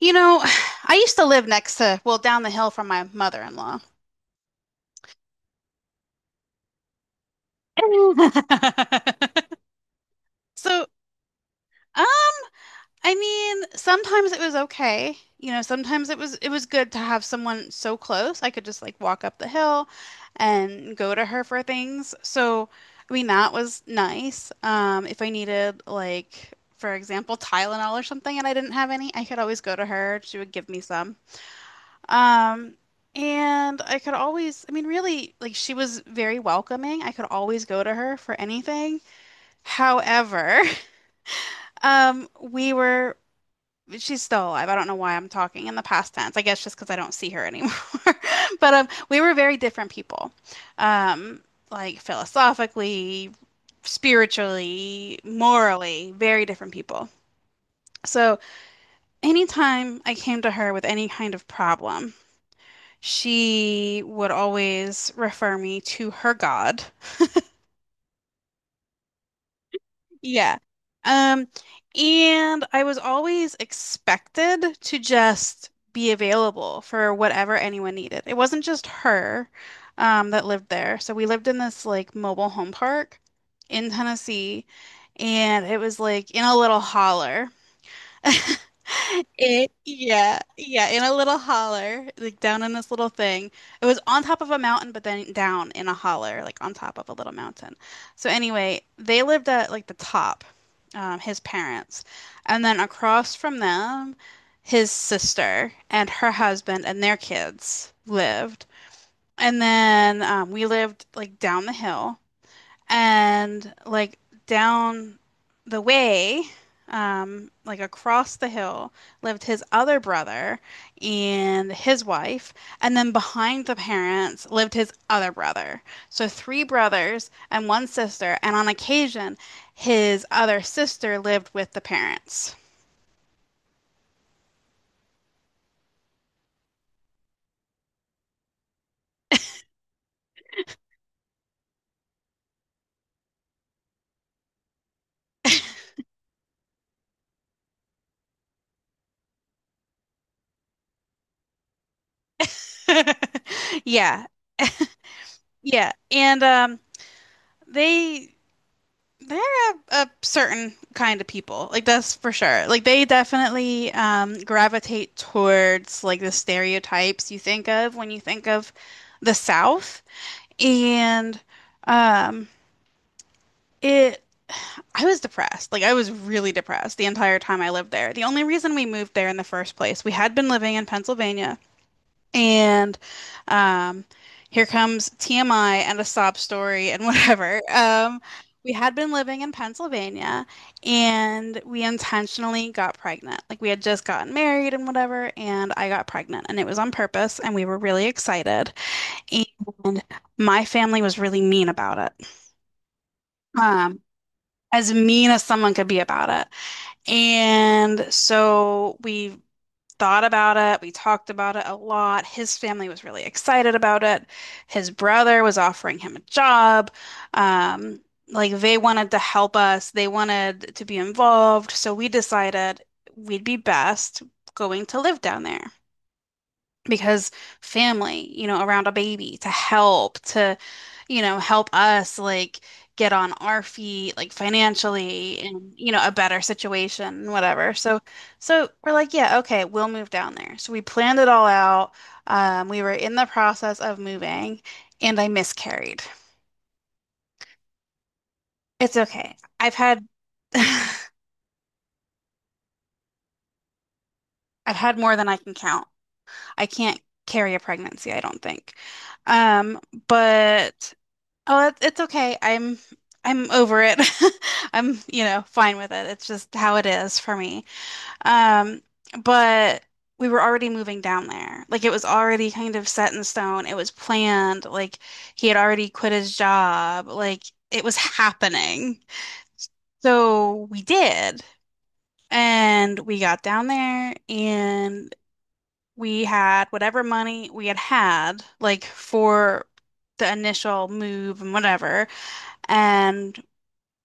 You know, I used to live next to, well, down the hill from my mother-in-law. So, uh, I mean, sometimes it was okay. You know, sometimes it was good to have someone so close. I could just like walk up the hill and go to her for things. So, I mean, that was nice. If I needed like, for example, Tylenol or something and I didn't have any, I could always go to her. She would give me some. Um, and I could always, I mean, really, like she was very welcoming. I could always go to her for anything. However, um, we were, she's still alive. I don't know why I'm talking in the past tense. I guess just because I don't see her anymore. But we were very different people. Um, like philosophically, spiritually, morally, very different people. So anytime I came to her with any kind of problem, she would always refer me to her god. Yeah. Um, and I was always expected to just be available for whatever anyone needed. It wasn't just her, that lived there. So we lived in this like mobile home park in Tennessee, and it was like in a little holler. It, yeah, yeah, in a little holler, like down in this little thing. It was on top of a mountain, but then down in a holler, like on top of a little mountain. So anyway, they lived at like the top, his parents, and then across from them, his sister and her husband and their kids lived, and then we lived like down the hill. And like down the way, like across the hill, lived his other brother and his wife. And then behind the parents lived his other brother. So three brothers and one sister. And on occasion, his other sister lived with the parents. Yeah, yeah. And they They're a certain kind of people. Like that's for sure. Like they definitely gravitate towards like the stereotypes you think of when you think of the South. And um it I was depressed. Like I was really depressed the entire time I lived there. The only reason we moved there in the first place, we had been living in Pennsylvania and um, here comes TMI and a sob story and whatever. We had been living in Pennsylvania and we intentionally got pregnant. Like we had just gotten married and whatever, and I got pregnant and it was on purpose and we were really excited. And my family was really mean about it. Um, as mean as someone could be about it. And so we thought about it. We talked about it a lot. His family was really excited about it. His brother was offering him a job. Um, like they wanted to help us, they wanted to be involved. So we decided we'd be best going to live down there because family, you know, around a baby to help, to, you know, help us like get on our feet, like financially and, you know, a better situation and whatever. So we're like, yeah, okay, we'll move down there. So we planned it all out. We were in the process of moving and I miscarried. It's okay. I've had, I've had more than I can count. I can't carry a pregnancy, I don't think. Um, but Oh, it- it's okay. I'm over it. I'm, you know, fine with it. It's just how it is for me. Um, but we were already moving down there. Like it was already kind of set in stone. It was planned. Like he had already quit his job. Like it was happening. So we did. And we got down there and we had whatever money we had had, like for the initial move and whatever and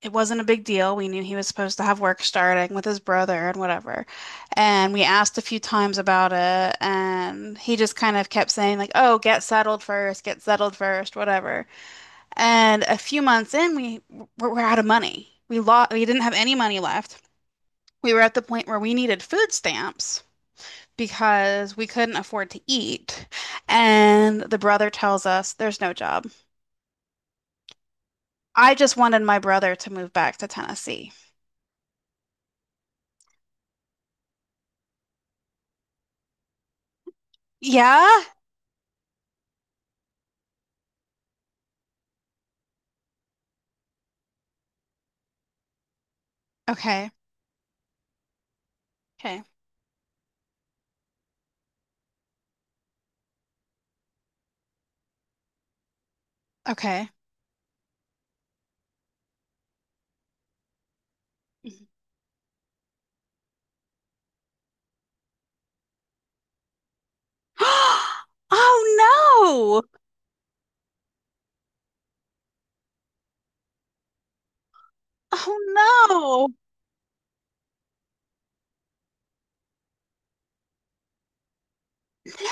it wasn't a big deal. We knew he was supposed to have work starting with his brother and whatever. And we asked a few times about it, and he just kind of kept saying like, "Oh, get settled first, whatever." And a few months in, we were out of money. We lost, we didn't have any money left. We were at the point where we needed food stamps because we couldn't afford to eat. And the brother tells us there's no job. I just wanted my brother to move back to Tennessee. Yeah. Okay. Okay. Okay. Mhm. Oh no! Oh no!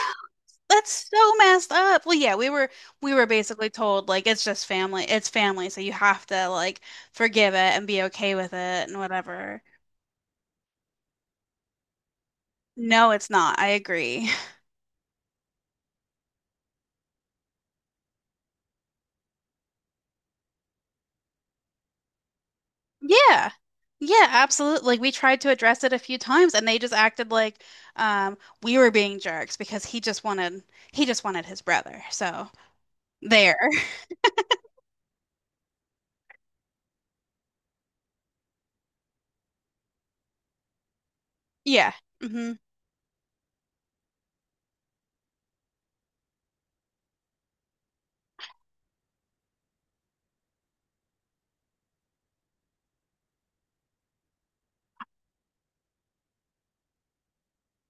That's so messed up. Well, yeah, we were basically told like it's just family. It's family, so you have to like forgive it and be okay with it and whatever. No, it's not. I agree. Yeah. Yeah, absolutely. Like we tried to address it a few times and they just acted like we were being jerks because he just wanted his brother. So there. Yeah. Mhm.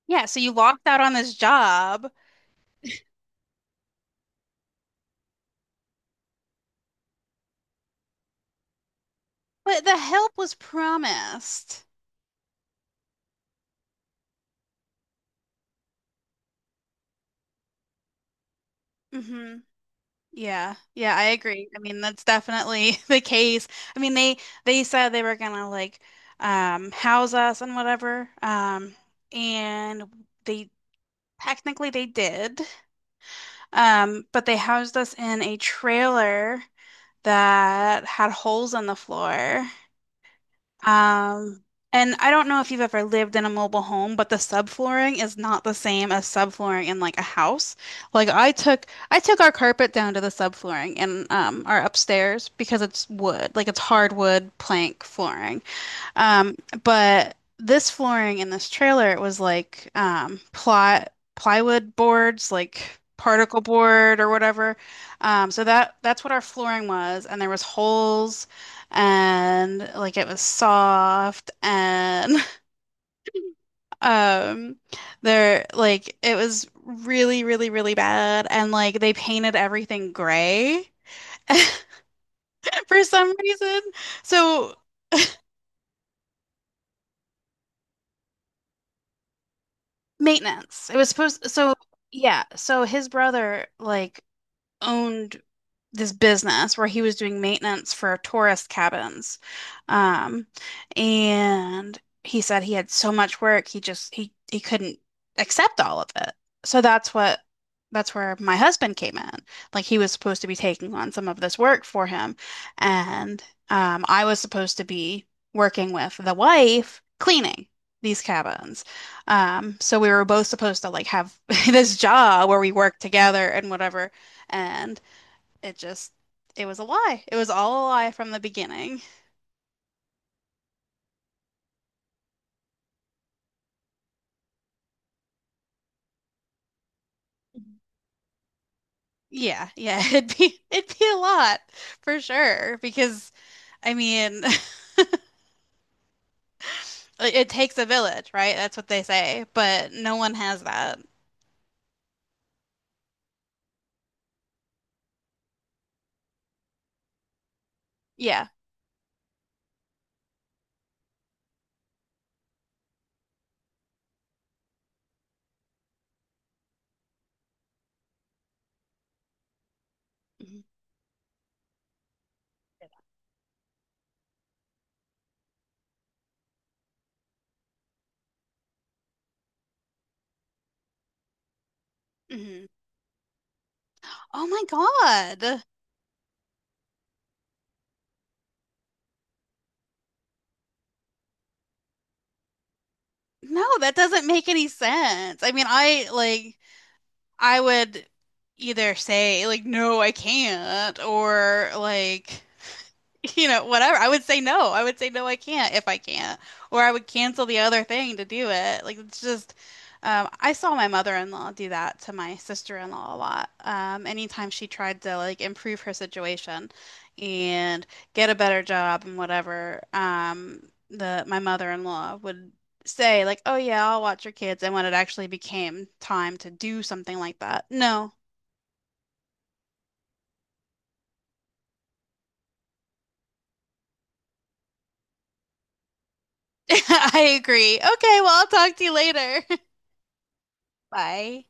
Yeah, so you locked out on this job, but the help was promised. Hmm. Yeah. Yeah, I agree. I mean, that's definitely the case. I mean, they said they were gonna like house us and whatever. And they technically they did. But they housed us in a trailer that had holes in the floor. Um, and I don't know if you've ever lived in a mobile home, but the subflooring is not the same as subflooring in like a house. Like I took our carpet down to the subflooring in our upstairs because it's wood, like it's hardwood plank flooring. Um, but this flooring in this trailer, it was like plywood boards, like particle board or whatever. So that's what our flooring was, and there was holes, and like it was soft, and um, there like it was really, really, really bad, and like they painted everything gray. For some reason. So Maintenance. It was supposed so yeah, so his brother like owned this business where he was doing maintenance for tourist cabins. Um, and he said he had so much work, he just he couldn't accept all of it. So that's where my husband came in. Like he was supposed to be taking on some of this work for him, and I was supposed to be working with the wife cleaning these cabins. So we were both supposed to like have this job where we work together and whatever. And it just it was a lie. It was all a lie from the beginning. Yeah, yeah, it'd be a lot for sure because I mean, it takes a village, right? That's what they say, but no one has that. Yeah. Mhm. Mhm. Oh my God. No, that doesn't make any sense. I mean, I like I would either say like no, I can't or like you know, whatever. I would say no. I would say no, I can't if I can't. Or I would cancel the other thing to do it. Like it's just I saw my mother-in-law do that to my sister-in-law a lot. Anytime she tried to like improve her situation and get a better job and whatever, the my mother-in-law would say like, "Oh yeah, I'll watch your kids." And when it actually became time to do something like that, no. I agree. Okay, well, I'll talk to you later. Bye.